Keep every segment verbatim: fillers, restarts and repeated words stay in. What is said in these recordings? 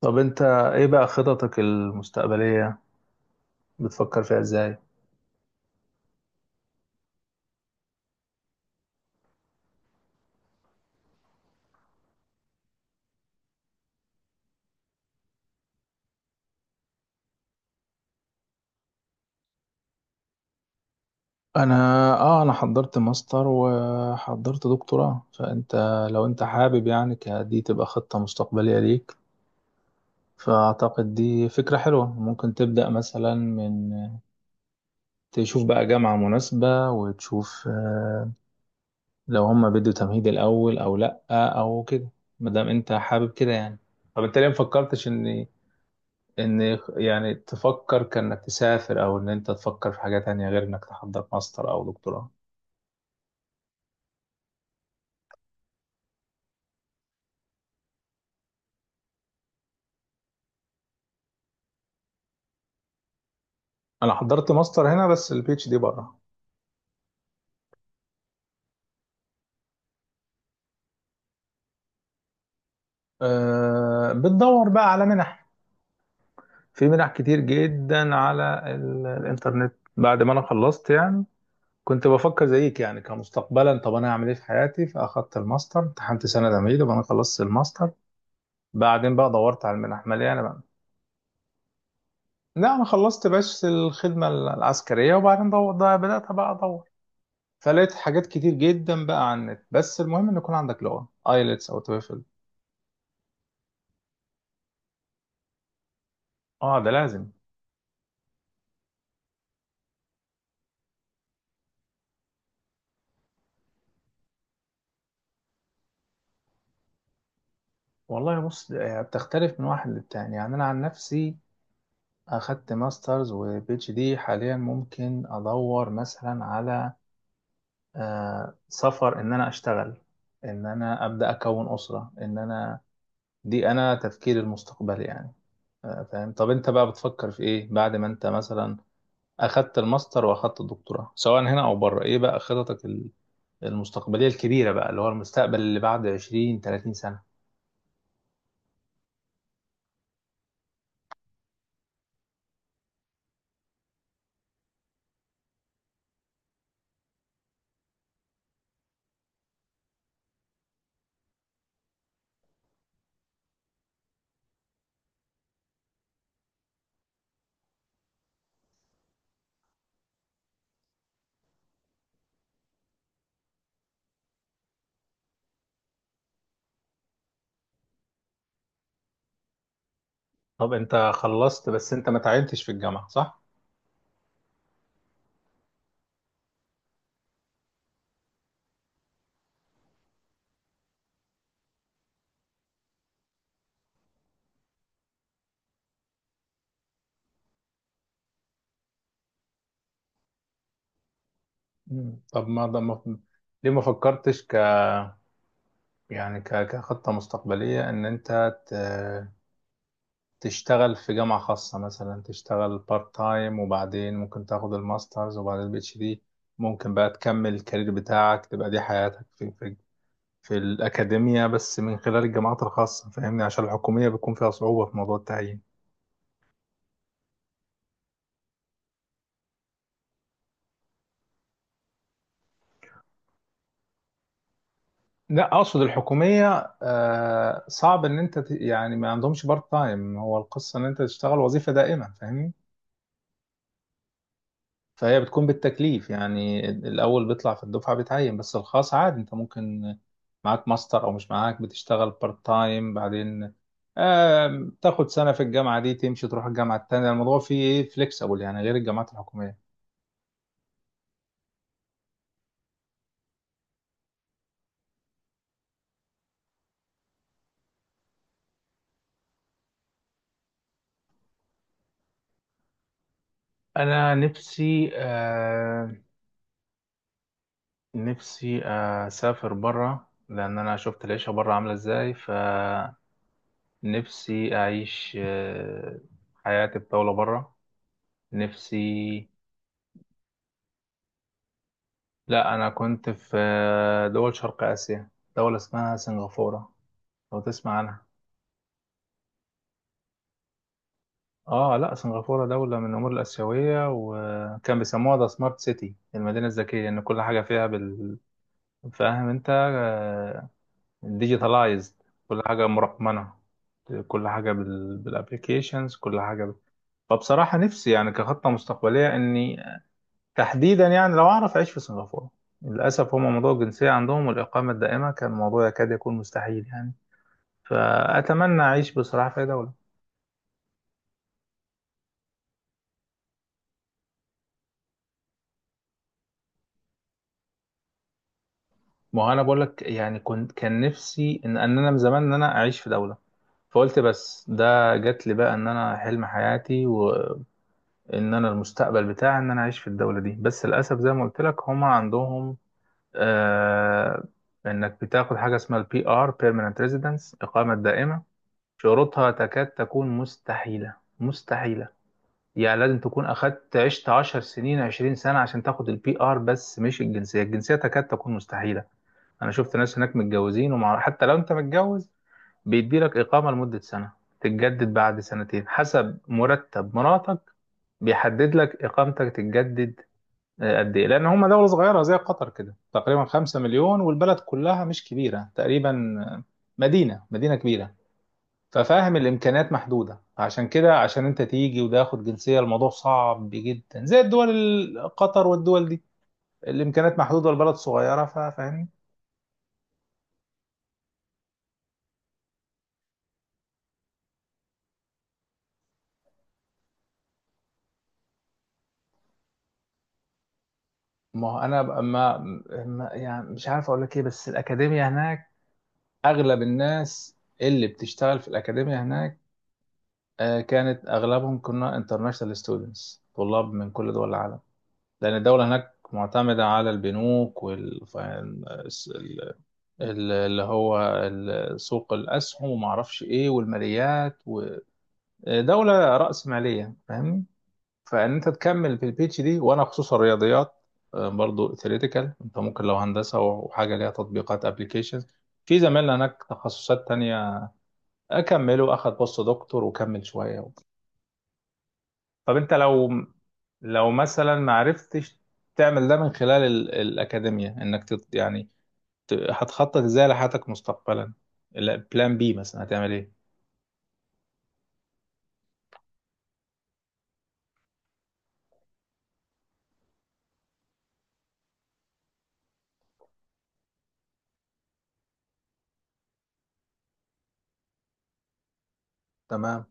طب انت ايه بقى خططك المستقبلية بتفكر فيها ازاي؟ انا اه انا حضرت ماستر وحضرت دكتوراه. فانت لو انت حابب يعني ك- دي تبقى خطة مستقبلية ليك، فاعتقد دي فكرة حلوة. ممكن تبدأ مثلا من تشوف بقى جامعة مناسبة وتشوف آه، لو هم بدوا تمهيد الاول او لا او كده، مادام انت حابب كده يعني. طب انت ليه مفكرتش ان ان يعني تفكر كانك تسافر او ان انت تفكر في حاجة تانية غير انك تحضر ماستر او دكتوراه. انا حضرت ماستر هنا بس البي اتش دي بره. أه، بتدور بقى على منح. في منح كتير جدا على ال- الانترنت بعد ما انا خلصت يعني. كنت بفكر زيك يعني كمستقبلا: طب انا هعمل ايه في حياتي؟ فاخدت الماستر، امتحنت سنه تمهيدي وانا خلصت الماستر، بعدين بقى دورت على المنح مليانه بقى. لا، انا خلصت بس الخدمه العسكريه، وبعدين دو- ده بدات بقى ادور. فلقيت حاجات كتير جدا بقى عن النت. بس المهم ان يكون عندك لغه ايلتس او تويفل. اه، ده لازم. والله بص، ده يعني بتختلف من واحد للتاني. يعني انا عن نفسي اخدت ماسترز وبي اتش دي، حاليا ممكن ادور مثلا على آه سفر، ان انا اشتغل، ان انا ابدا اكون اسره، ان انا دي انا تفكيري المستقبلي يعني. آه، فاهم. طب انت بقى بتفكر في ايه بعد ما انت مثلا اخدت الماستر واخدت الدكتوراه، سواء هنا او بره؟ ايه بقى خططك المستقبلية الكبيرة بقى، اللي هو المستقبل اللي بعد عشرين ثلاثين سنة؟ طب انت خلصت بس انت ما تعينتش في الجامعة، صح؟ مم. طب ما ده ما ليه ما فكرتش ك يعني ك... كخطة مستقبلية، ان انت ت... تشتغل في جامعة خاصة مثلا، تشتغل بارت تايم وبعدين ممكن تاخد الماسترز وبعدين البي اتش دي؟ ممكن بقى تكمل الكارير بتاعك، تبقى دي حياتك في في في الأكاديمية، بس من خلال الجامعات الخاصة، فاهمني؟ عشان الحكومية بيكون فيها صعوبة في موضوع التعيين. لا، اقصد الحكوميه، آه صعب ان انت ت- يعني ما عندهمش بارت تايم، هو القصه ان انت تشتغل وظيفه دائمه، فاهمني. فهي بتكون بالتكليف، يعني الاول بيطلع في الدفعه بيتعين. بس الخاص عادي، انت ممكن معاك ماستر او مش معاك، بتشتغل بارت تايم بعدين، آه تاخد سنه في الجامعه دي، تمشي تروح الجامعه التانيه. الموضوع فيه ايه، فليكسبل يعني، غير الجامعات الحكوميه. انا نفسي، آه نفسي اسافر بره، لان انا شفت العيشه بره عامله ازاي. ف نفسي أعيش آه، حياة الطاولة برا. نفسي. لا، أنا كنت في آه، دول شرق آسيا، دولة اسمها سنغافورة، لو تسمع عنها. آه، لا، سنغافورة دولة من الأمور الآسيوية، وكان بيسموها ذا سمارت سيتي، المدينة الذكية، لأن كل حاجة فيها. بال... فاهم أنت، ديجيتالايزد. كل حاجة مرقمنة، كل حاجة بال... بالابليكيشنز، كل حاجة بال... فبصراحة نفسي يعني، كخطة مستقبلية، إني تحديدا يعني لو أعرف أعيش في سنغافورة. للأسف، هم موضوع الجنسية عندهم والإقامة الدائمة كان موضوع يكاد يكون مستحيل يعني. فأتمنى أعيش بصراحة في أي دولة. ما هو أنا بقول لك يعني، كنت كان نفسي إن إن أنا من زمان، إن أنا أعيش في دولة. فقلت بس ده جات لي بقى، إن أنا حلم حياتي، وإن أنا المستقبل بتاعي إن أنا أعيش في الدولة دي. بس للأسف زي ما قلت لك، هم عندهم آه إنك بتاخد حاجة اسمها البي آر، بيرمننت ريزيدنس، إقامة دائمة. شروطها تكاد تكون مستحيلة مستحيلة يعني. لازم تكون أخدت عشت عشر سنين، عشرين سنة، عشان تاخد البي آر. بس مش الجنسية، الجنسية تكاد تكون مستحيلة. أنا شفت ناس هناك متجوزين، ومع حتى لو أنت متجوز، بيديلك إقامة لمدة سنة، تتجدد بعد سنتين حسب مرتب مراتك. بيحدد لك إقامتك تتجدد آه، قد إيه، لأن هم دولة صغيرة زي قطر كده تقريبا، خمسة مليون، والبلد كلها مش كبيرة تقريبا. آه، مدينة مدينة كبيرة. ففاهم، الامكانيات محدوده. عشان كده، عشان انت تيجي وده ياخد جنسيه، الموضوع صعب جدا، زي الدول ال- قطر والدول دي. الامكانيات محدوده والبلد صغيره، فا- فاهمني. ما هو انا بقى- ما ما- يعني مش عارف اقول لك ايه، بس الاكاديميه هناك، اغلب الناس اللي بتشتغل في الاكاديميه هناك، آه، كانت اغلبهم، كنا انترناشونال ستودنتس، طلاب من كل دول العالم، لان الدوله هناك معتمده على البنوك والفاينانس، ال- اللي هو ال- سوق الأسهم وما أعرفش إيه والماليات، ودولة رأسمالية، فاهمني؟ فإن أنت تكمل في البيتش دي، وأنا خصوصا الرياضيات، آه، برضو ثيوريتيكال. أنت ممكن، لو هندسة وحاجة ليها تطبيقات، أبليكيشن، في زمايلنا هناك تخصصات تانية أكمله، أخد بوست دكتور وكمل شوية. طب أنت لو لو مثلا ما عرفتش تعمل ده من خلال ال- الأكاديمية، إنك تت يعني ت- هتخطط ازاي لحياتك مستقبلا، لا، بلان بي مثلا، هتعمل ايه؟ تمام.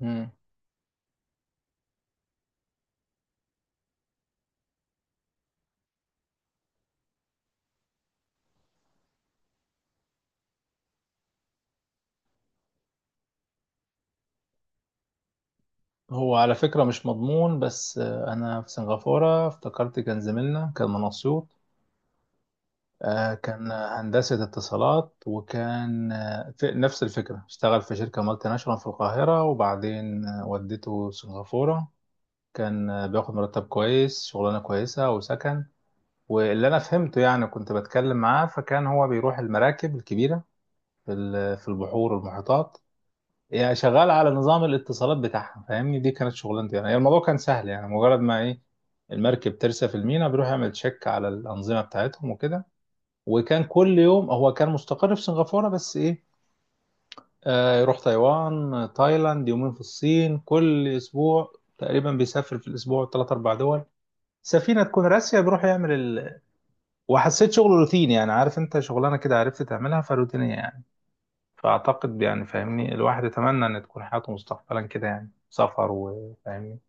مم. هو على فكرة مش مضمون، بس آه، أنا في سنغافورة افتكرت، كان زميلنا كان من أسيوط. آه، كان هندسة اتصالات، وكان آه، في نفس الفكرة، اشتغل في شركة مالتي ناشونال في القاهرة، وبعدين آه، وديته سنغافورة. كان آه، بياخد مرتب كويس، شغلانة كويسة وسكن. واللي أنا فهمته يعني، كنت بتكلم معاه، فكان هو بيروح المراكب الكبيرة في ال- في البحور والمحيطات. يعني شغال على نظام الاتصالات بتاعها، فاهمني. دي كانت شغلانتي يعني، الموضوع كان سهل، يعني مجرد ما ايه، المركب ترسى في الميناء، بيروح يعمل تشيك على الانظمه بتاعتهم وكده. وكان كل يوم، هو كان مستقر في سنغافوره، بس ايه، آه يروح تايوان، آه، تايلاند، يومين في الصين، كل اسبوع تقريبا بيسافر في الاسبوع ثلاث اربع دول. سفينه تكون راسيه، بيروح يعمل ال... وحسيت شغله روتيني يعني. عارف انت، شغلانه كده عرفت تعملها فروتينيه يعني. فأعتقد يعني، فاهمني، الواحد يتمنى إن تكون حياته مستقبلا كده، يعني سفر وفاهمني.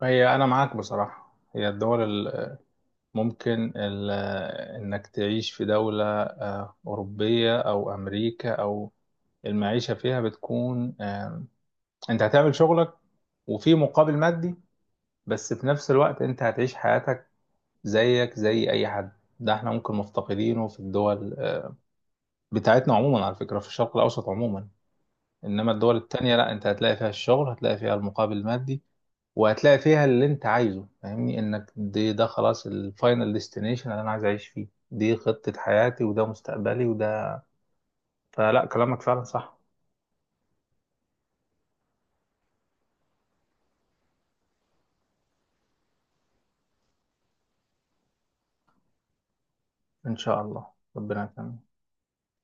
فهي أنا معاك بصراحة، هي الدول ال- ممكن ال- إنك تعيش في دولة آه، أوروبية أو أمريكا، أو المعيشة فيها بتكون، آه، أنت هتعمل شغلك وفي مقابل مادي، بس في نفس الوقت أنت هتعيش حياتك، زيك زي أي حد. ده احنا ممكن مفتقدينه في الدول آه، بتاعتنا عموما على فكرة، في الشرق الأوسط عموما. انما الدول التانية لا، انت هتلاقي فيها الشغل، هتلاقي فيها المقابل المادي، وهتلاقي فيها اللي انت عايزه، فاهمني، انك دي، ده خلاص الفاينل ديستنيشن اللي انا عايز اعيش فيه، دي خطة حياتي وده مستقبلي وده. فلا، كلامك فعلا صح. ان شاء الله، ربنا يكرمك.